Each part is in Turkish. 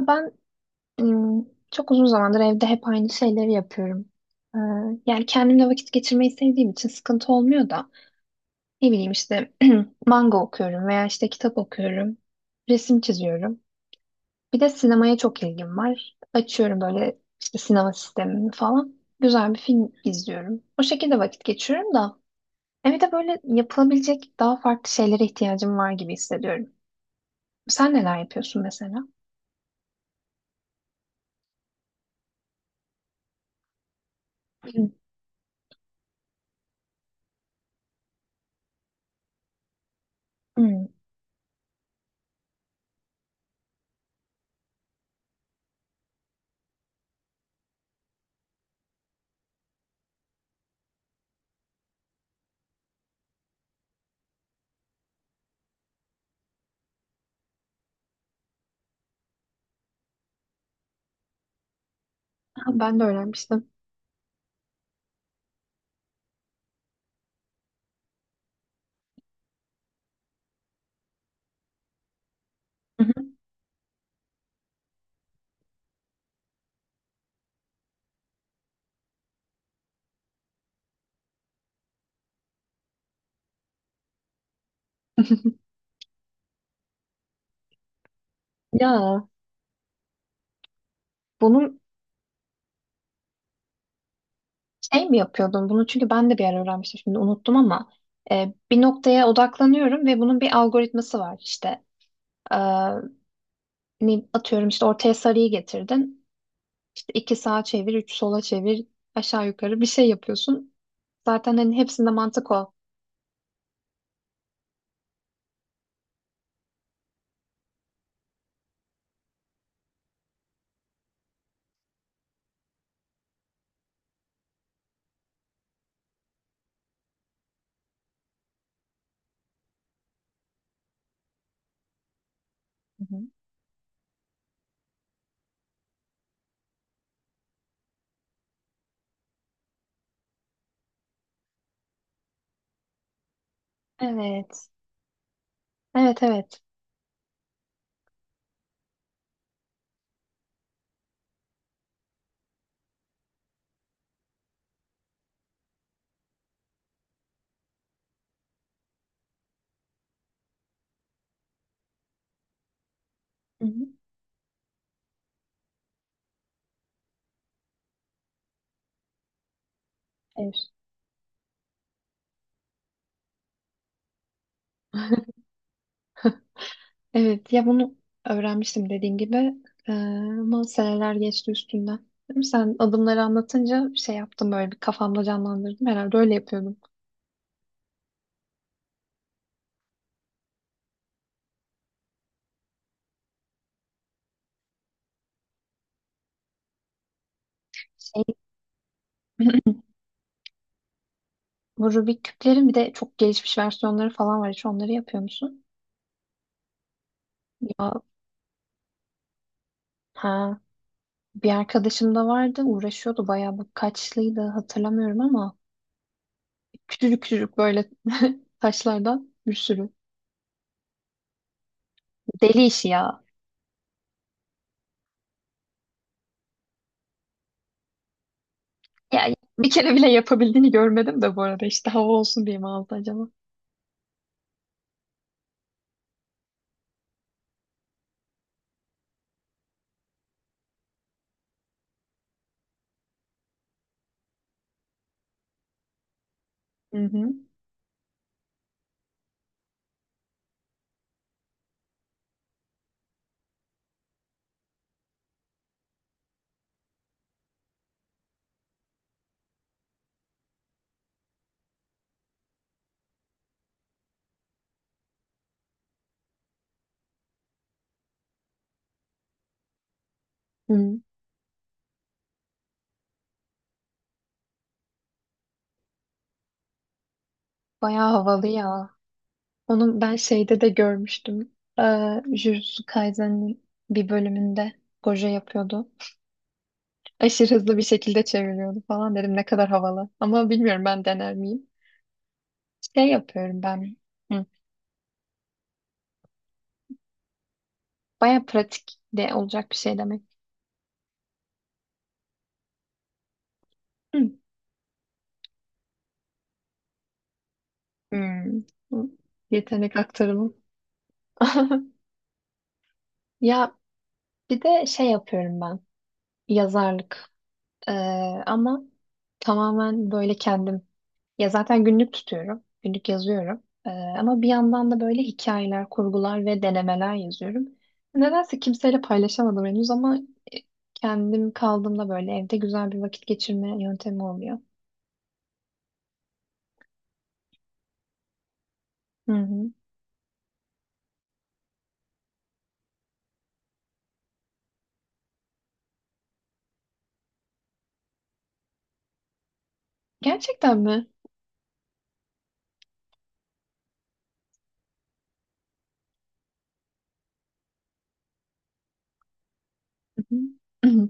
Ben Çok uzun zamandır evde hep aynı şeyleri yapıyorum. Ee, Yani kendimle vakit geçirmeyi sevdiğim için sıkıntı olmuyor da ne bileyim işte manga okuyorum veya işte kitap okuyorum, resim çiziyorum. Bir de sinemaya çok ilgim var. Açıyorum böyle işte sinema sistemini falan. Güzel bir film izliyorum. O şekilde vakit geçiriyorum da evde böyle yapılabilecek daha farklı şeylere ihtiyacım var gibi hissediyorum. Sen neler yapıyorsun mesela? Hı. Ben de öğrenmiştim. Hı hı. Ya, bunun şey mi yapıyordun? Bunu çünkü ben de bir ara öğrenmiştim, şimdi unuttum ama bir noktaya odaklanıyorum ve bunun bir algoritması var. İşte e, atıyorum işte ortaya sarıyı getirdin. İşte iki sağa çevir, üç sola çevir, aşağı yukarı bir şey yapıyorsun. Zaten hani hepsinde mantık o. Hı hı. Evet. Evet evet. Hı hı. Evet. Evet ya, bunu öğrenmiştim dediğim gibi. Ama seneler geçti üstünden. Değil mi? Sen adımları anlatınca şey yaptım, böyle bir kafamda canlandırdım. Herhalde öyle yapıyordum. Şey, bu Rubik küplerin bir de çok gelişmiş versiyonları falan var. Hiç onları yapıyor musun? Ya, ha. Bir arkadaşım da vardı, uğraşıyordu bayağı, bu kaçlıydı hatırlamıyorum ama küçücük küçücük böyle taşlardan bir sürü. Deli işi ya. Ya bir kere bile yapabildiğini görmedim de bu arada, işte hava olsun diye mi aldı acaba? Hı hı. Hı. Bayağı havalı ya. Onun ben şeyde de görmüştüm. Jujutsu Kaisen'in bir bölümünde Gojo yapıyordu. Aşırı hızlı bir şekilde çeviriyordu falan, dedim ne kadar havalı. Ama bilmiyorum, ben dener miyim? Şey yapıyorum ben. Hı. Baya pratik de olacak bir şey demek. Hı. Hmm. Hı. Yetenek aktarımı. Ya bir de şey yapıyorum ben. Yazarlık. Ee, Ama tamamen böyle kendim. Ya zaten günlük tutuyorum. Günlük yazıyorum. Ama bir yandan da böyle hikayeler, kurgular ve denemeler yazıyorum. Nedense kimseyle paylaşamadım henüz ama e, kendim kaldığımda böyle evde güzel bir vakit geçirme yöntemi oluyor. Hı hı. Gerçekten mi? Hı hı.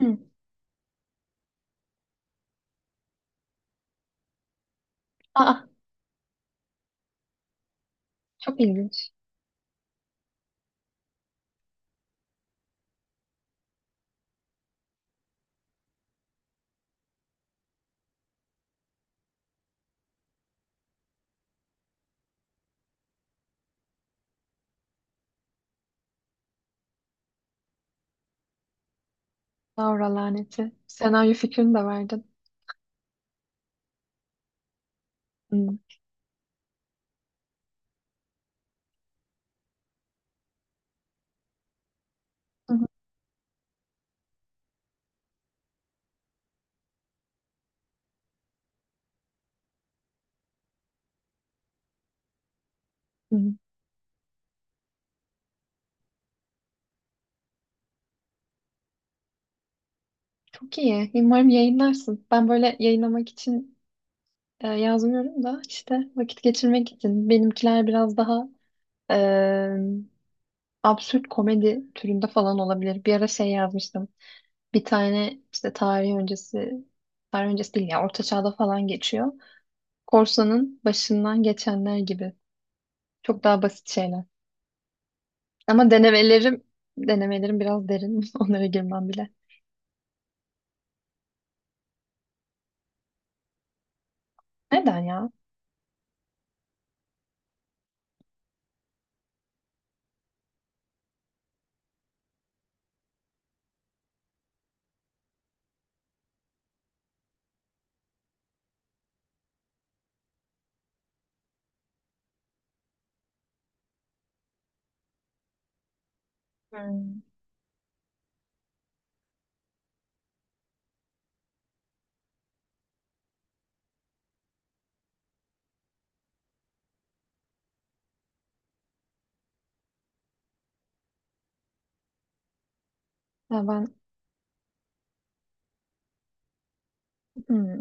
Aa, çok ilginç. Laura laneti. Senaryo fikrini de verdin. Hmm. Hı hı. Hmm. Çok iyi. Umarım yayınlarsın. Ben böyle yayınlamak için yazmıyorum da işte vakit geçirmek için. Benimkiler biraz daha e, absürt komedi türünde falan olabilir. Bir ara şey yazmıştım. Bir tane işte tarih öncesi, tarih öncesi değil ya, orta çağda falan geçiyor. Korsanın başından geçenler gibi. Çok daha basit şeyler. Ama denemelerim biraz derin. Onlara girmem bile. Neden ya? Hmm. Ya ben Hmm.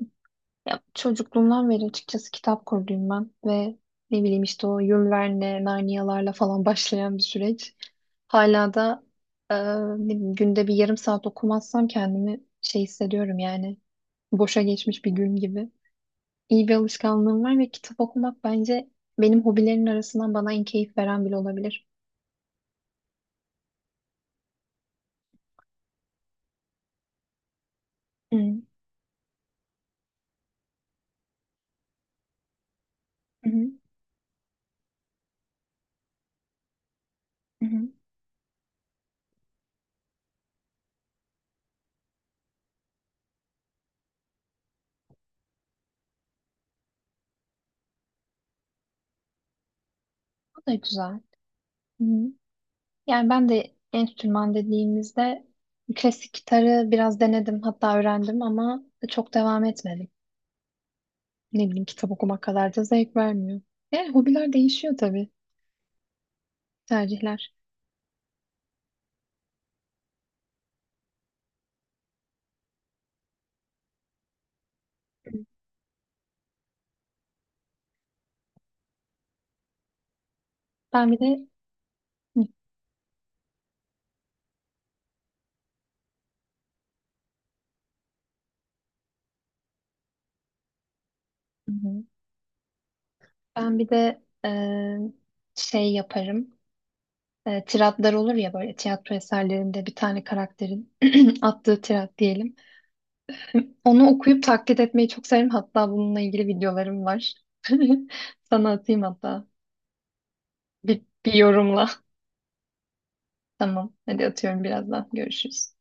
Ya çocukluğumdan beri açıkçası kitap kurduyum ben ve ne bileyim, işte o Jules Verne, Narnia'larla falan başlayan bir süreç. Hala da e, ne bileyim, günde bir yarım saat okumazsam kendimi şey hissediyorum, yani boşa geçmiş bir gün gibi. İyi bir alışkanlığım var ve kitap okumak bence benim hobilerin arasından bana en keyif veren bile olabilir. Hı hı hı. Hı. Bu da güzel. Hı hı. Yani ben de enstrüman dediğimizde klasik gitarı biraz denedim, hatta öğrendim ama çok devam etmedim. Ne bileyim, kitap okumak kadar da zevk vermiyor. Yani hobiler değişiyor tabii, tercihler. Ben bir de Hı hı. Ben bir de şey yaparım. E, tiratlar olur ya böyle tiyatro eserlerinde, bir tane karakterin attığı tirat diyelim. Onu okuyup taklit etmeyi çok severim. Hatta bununla ilgili videolarım var. Sana atayım hatta. Bir, bir yorumla. Tamam. Hadi atıyorum birazdan. Görüşürüz.